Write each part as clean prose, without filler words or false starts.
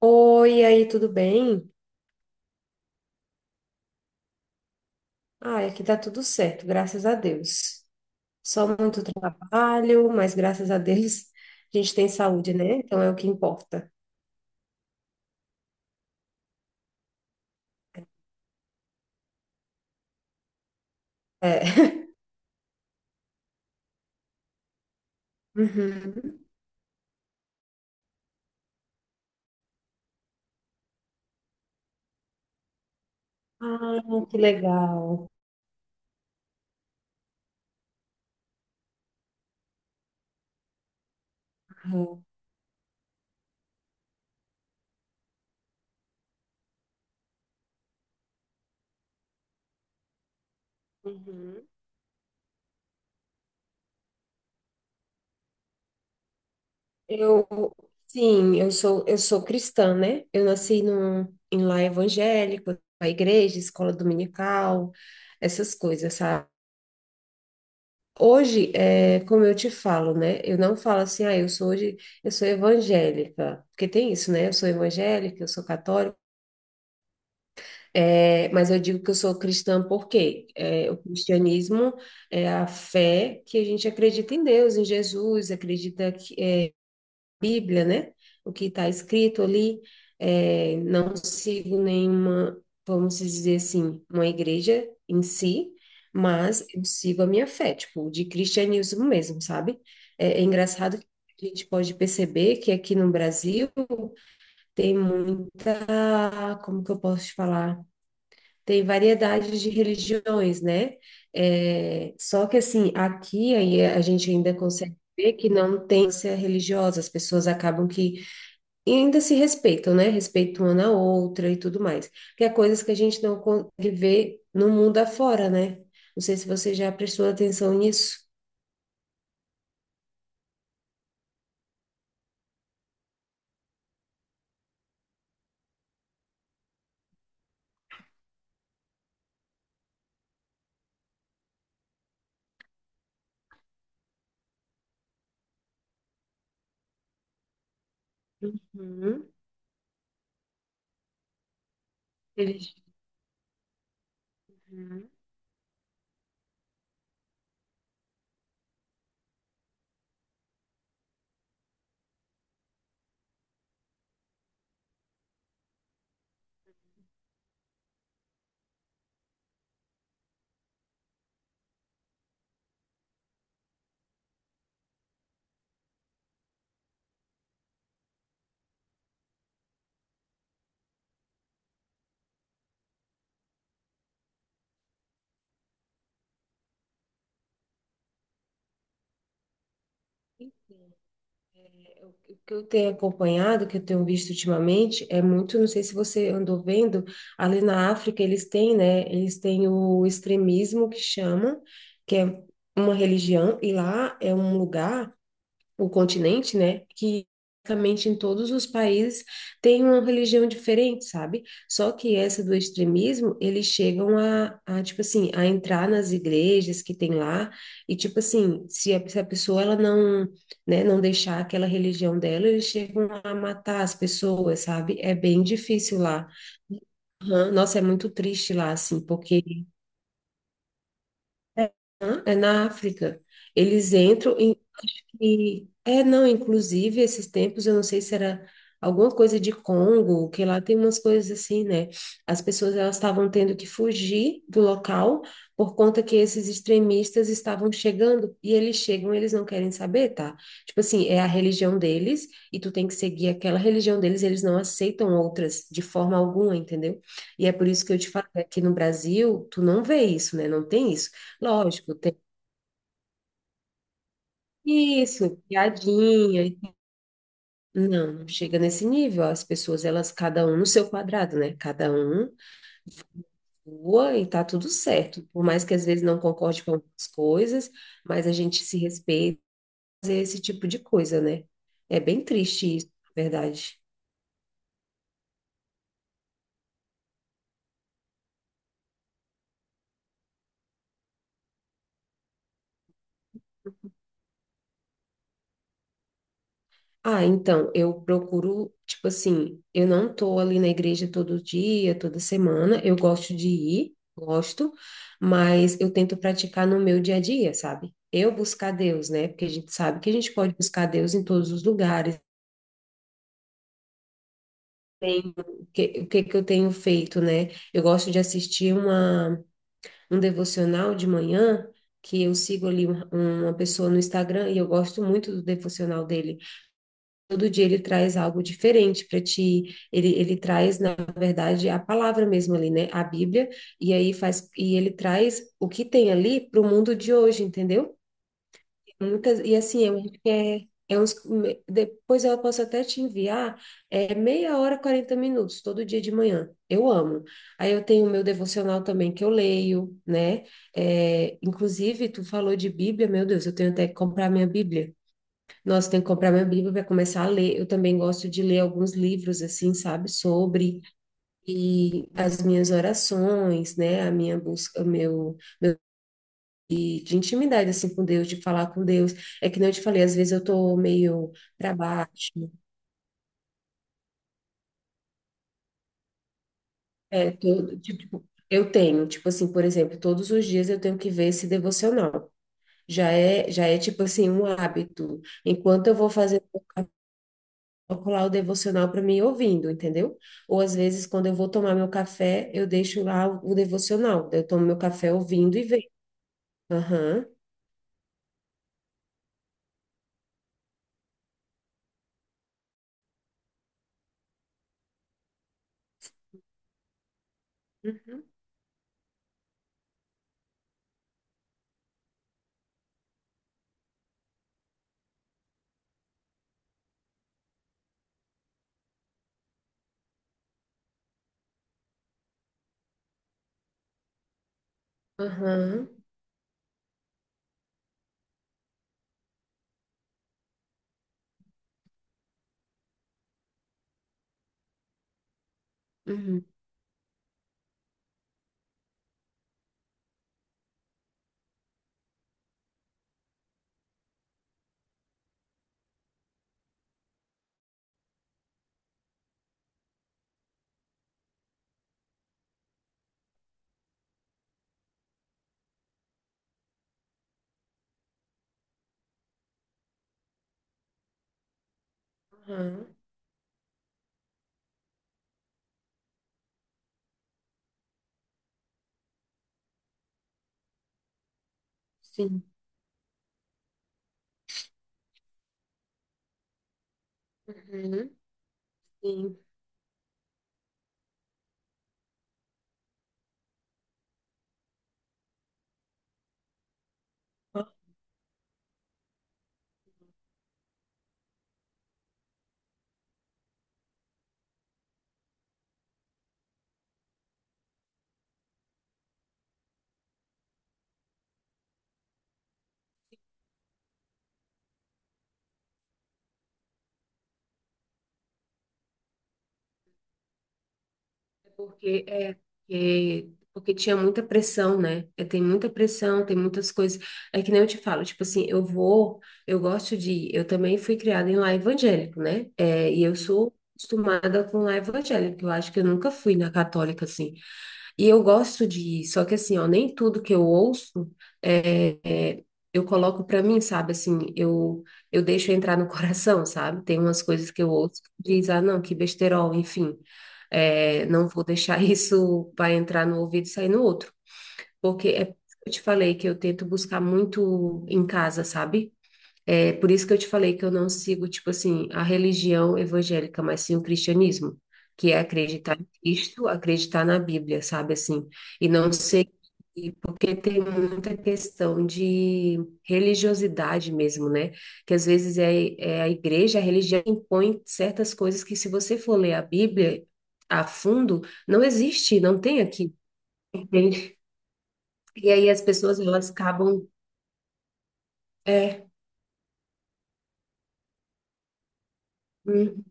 Oi, aí, tudo bem? Ai, aqui tá tudo certo, graças a Deus. Só muito trabalho, mas graças a Deus a gente tem saúde, né? Então é o que importa. É. Uhum. Ah, que legal. Uhum. Uhum. Eu, sim, eu sou cristã, né? Em lar evangélico, a igreja, escola dominical, essas coisas, sabe? Hoje, como eu te falo, né? Eu não falo assim, ah, eu sou evangélica, porque tem isso, né? Eu sou evangélica, eu sou católica, mas eu digo que eu sou cristã porque o cristianismo é a fé que a gente acredita em Deus, em Jesus, acredita que, Bíblia, né? O que está escrito ali, não sigo nenhuma, vamos dizer assim, uma igreja em si, mas eu sigo a minha fé, tipo, de cristianismo mesmo, sabe? É engraçado que a gente pode perceber que aqui no Brasil tem muita, como que eu posso te falar? Tem variedade de religiões, né? É, só que assim, aqui aí a gente ainda consegue ver que não tem ser religiosa, as pessoas acabam que e ainda se respeitam, né? Respeitam uma na outra e tudo mais. Que é coisas que a gente não consegue ver no mundo afora, né? Não sei se você já prestou atenção nisso. Uhum. Eles- Uhum. O que eu tenho acompanhado, que eu tenho visto ultimamente, é muito, não sei se você andou vendo, ali na África eles têm, né? Eles têm o extremismo que chama, que é uma religião, e lá é um lugar, o continente, né? Que basicamente em todos os países tem uma religião diferente, sabe? Só que essa do extremismo, eles chegam tipo assim, a entrar nas igrejas que tem lá e, tipo assim, se a pessoa ela não, né, não deixar aquela religião dela, eles chegam a matar as pessoas, sabe? É bem difícil lá. Nossa, é muito triste lá, assim, porque é na África. Eles entram. E, é, não, inclusive, esses tempos, eu não sei se era alguma coisa de Congo, que lá tem umas coisas assim, né? As pessoas, elas estavam tendo que fugir do local por conta que esses extremistas estavam chegando, e eles chegam, eles não querem saber, tá? Tipo assim, é a religião deles, e tu tem que seguir aquela religião deles, eles não aceitam outras de forma alguma, entendeu? E é por isso que eu te falo, aqui no Brasil, tu não vê isso, né? Não tem isso. Lógico, tem isso, piadinha. Não, não chega nesse nível. As pessoas, elas, cada um no seu quadrado, né? Cada um voa e tá tudo certo. Por mais que às vezes não concorde com algumas coisas, mas a gente se respeita, fazer esse tipo de coisa, né? É bem triste isso, na verdade. Ah, então, eu procuro, tipo assim, eu não tô ali na igreja todo dia, toda semana. Eu gosto de ir, gosto, mas eu tento praticar no meu dia a dia, sabe? Eu buscar Deus, né? Porque a gente sabe que a gente pode buscar Deus em todos os lugares. tenho- o que que eu tenho feito, né? Eu gosto de assistir uma, um devocional de manhã, que eu sigo ali um- uma pessoa no Instagram e eu gosto muito do devocional dele. Todo dia ele traz algo diferente para ti. Ele traz, na verdade, a palavra mesmo ali, né? A Bíblia, e aí faz, e ele traz o que tem ali para o mundo de hoje, entendeu? Muitas, e assim, eu acho que é uns, depois eu posso até te enviar, é meia hora, 40 minutos, todo dia de manhã. Eu amo. Aí eu tenho o meu devocional também que eu leio, né? É, inclusive, tu falou de Bíblia, meu Deus, eu tenho até que comprar minha Bíblia. Nossa, tenho que comprar minha Bíblia para começar a ler. Eu também gosto de ler alguns livros, assim, sabe, sobre. E as minhas orações, né? A minha busca, o meu de intimidade assim com Deus, de falar com Deus. É que nem eu te falei, às vezes eu tô meio para baixo. Eu tenho, tipo assim, por exemplo, todos os dias eu tenho que ver esse devocional. Já é tipo assim, um hábito. Enquanto eu vou fazer, eu coloco lá o devocional para mim ouvindo, entendeu? Ou às vezes, quando eu vou tomar meu café, eu deixo lá o devocional. Eu tomo meu café ouvindo e vejo. Aham. Uhum. Aham. Uhum. Aham. Sim. Uhum. Sim. É Porque, é, é, Porque tinha muita pressão, né? É, tem muita pressão, tem muitas coisas. É que nem eu te falo, tipo assim, eu gosto de ir. Eu também fui criada em lar evangélico, né? É, e eu sou acostumada com lar evangélico. Eu acho que eu nunca fui na católica, assim. E eu gosto de ir, só que assim, ó, nem tudo que eu ouço é, é, eu coloco pra mim, sabe? Eu deixo entrar no coração, sabe? Tem umas coisas que eu ouço que diz, ah, não, que besterol, enfim. É, não vou deixar isso para entrar no ouvido e sair no outro. Porque é, eu te falei que eu tento buscar muito em casa, sabe? É por isso que eu te falei que eu não sigo, tipo assim, a religião evangélica, mas sim o cristianismo, que é acreditar em Cristo, acreditar na Bíblia, sabe assim? E não sei, porque tem muita questão de religiosidade mesmo, né? Que às vezes é a igreja, a religião impõe certas coisas que se você for ler a Bíblia a fundo, não existe, não tem aqui, entende? E aí as pessoas, elas acabam, é, uhum.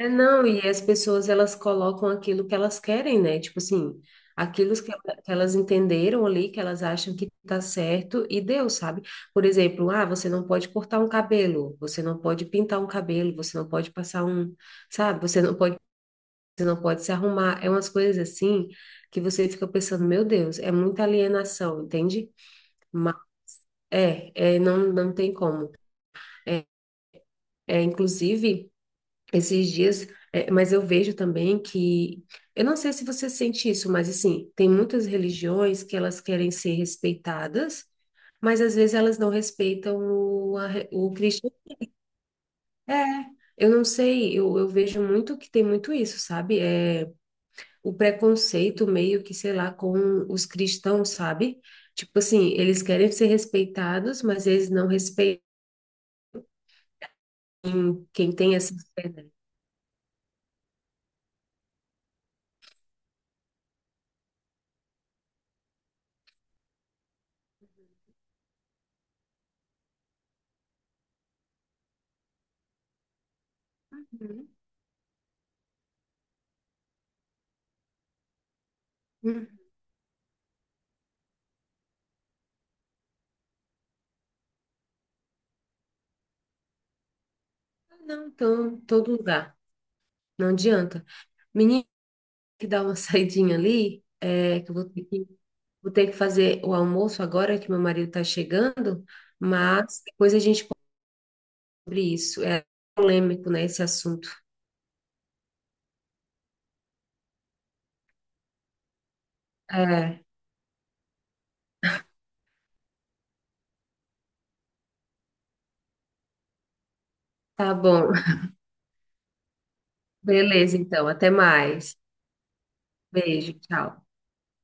É, não, e as pessoas elas colocam aquilo que elas querem, né? Tipo assim, aquilo que, que elas entenderam ali, que elas acham que tá certo e deu, sabe? Por exemplo, ah, você não pode cortar um cabelo, você não pode pintar um cabelo, você não pode passar um, sabe? Você não pode se arrumar. É umas coisas assim que você fica pensando, meu Deus, é muita alienação, entende? Mas, não, não tem como. É, Inclusive. Esses dias, é, mas eu vejo também que, eu não sei se você sente isso, mas assim, tem muitas religiões que elas querem ser respeitadas, mas às vezes elas não respeitam o Cristo. É, eu não sei, eu vejo muito que tem muito isso, sabe? É, o preconceito meio que, sei lá, com os cristãos, sabe? Tipo assim, eles querem ser respeitados, mas eles não respeitam quem tem essa fé, né? Uhum. Uhum. Não, então, todo lugar, não adianta. Menina, que dá uma saidinha ali, que eu vou ter que fazer o almoço agora que meu marido está chegando, mas depois a gente pode sobre isso. É polêmico, né, esse assunto. É, tá bom. Beleza, então. Até mais. Beijo, tchau.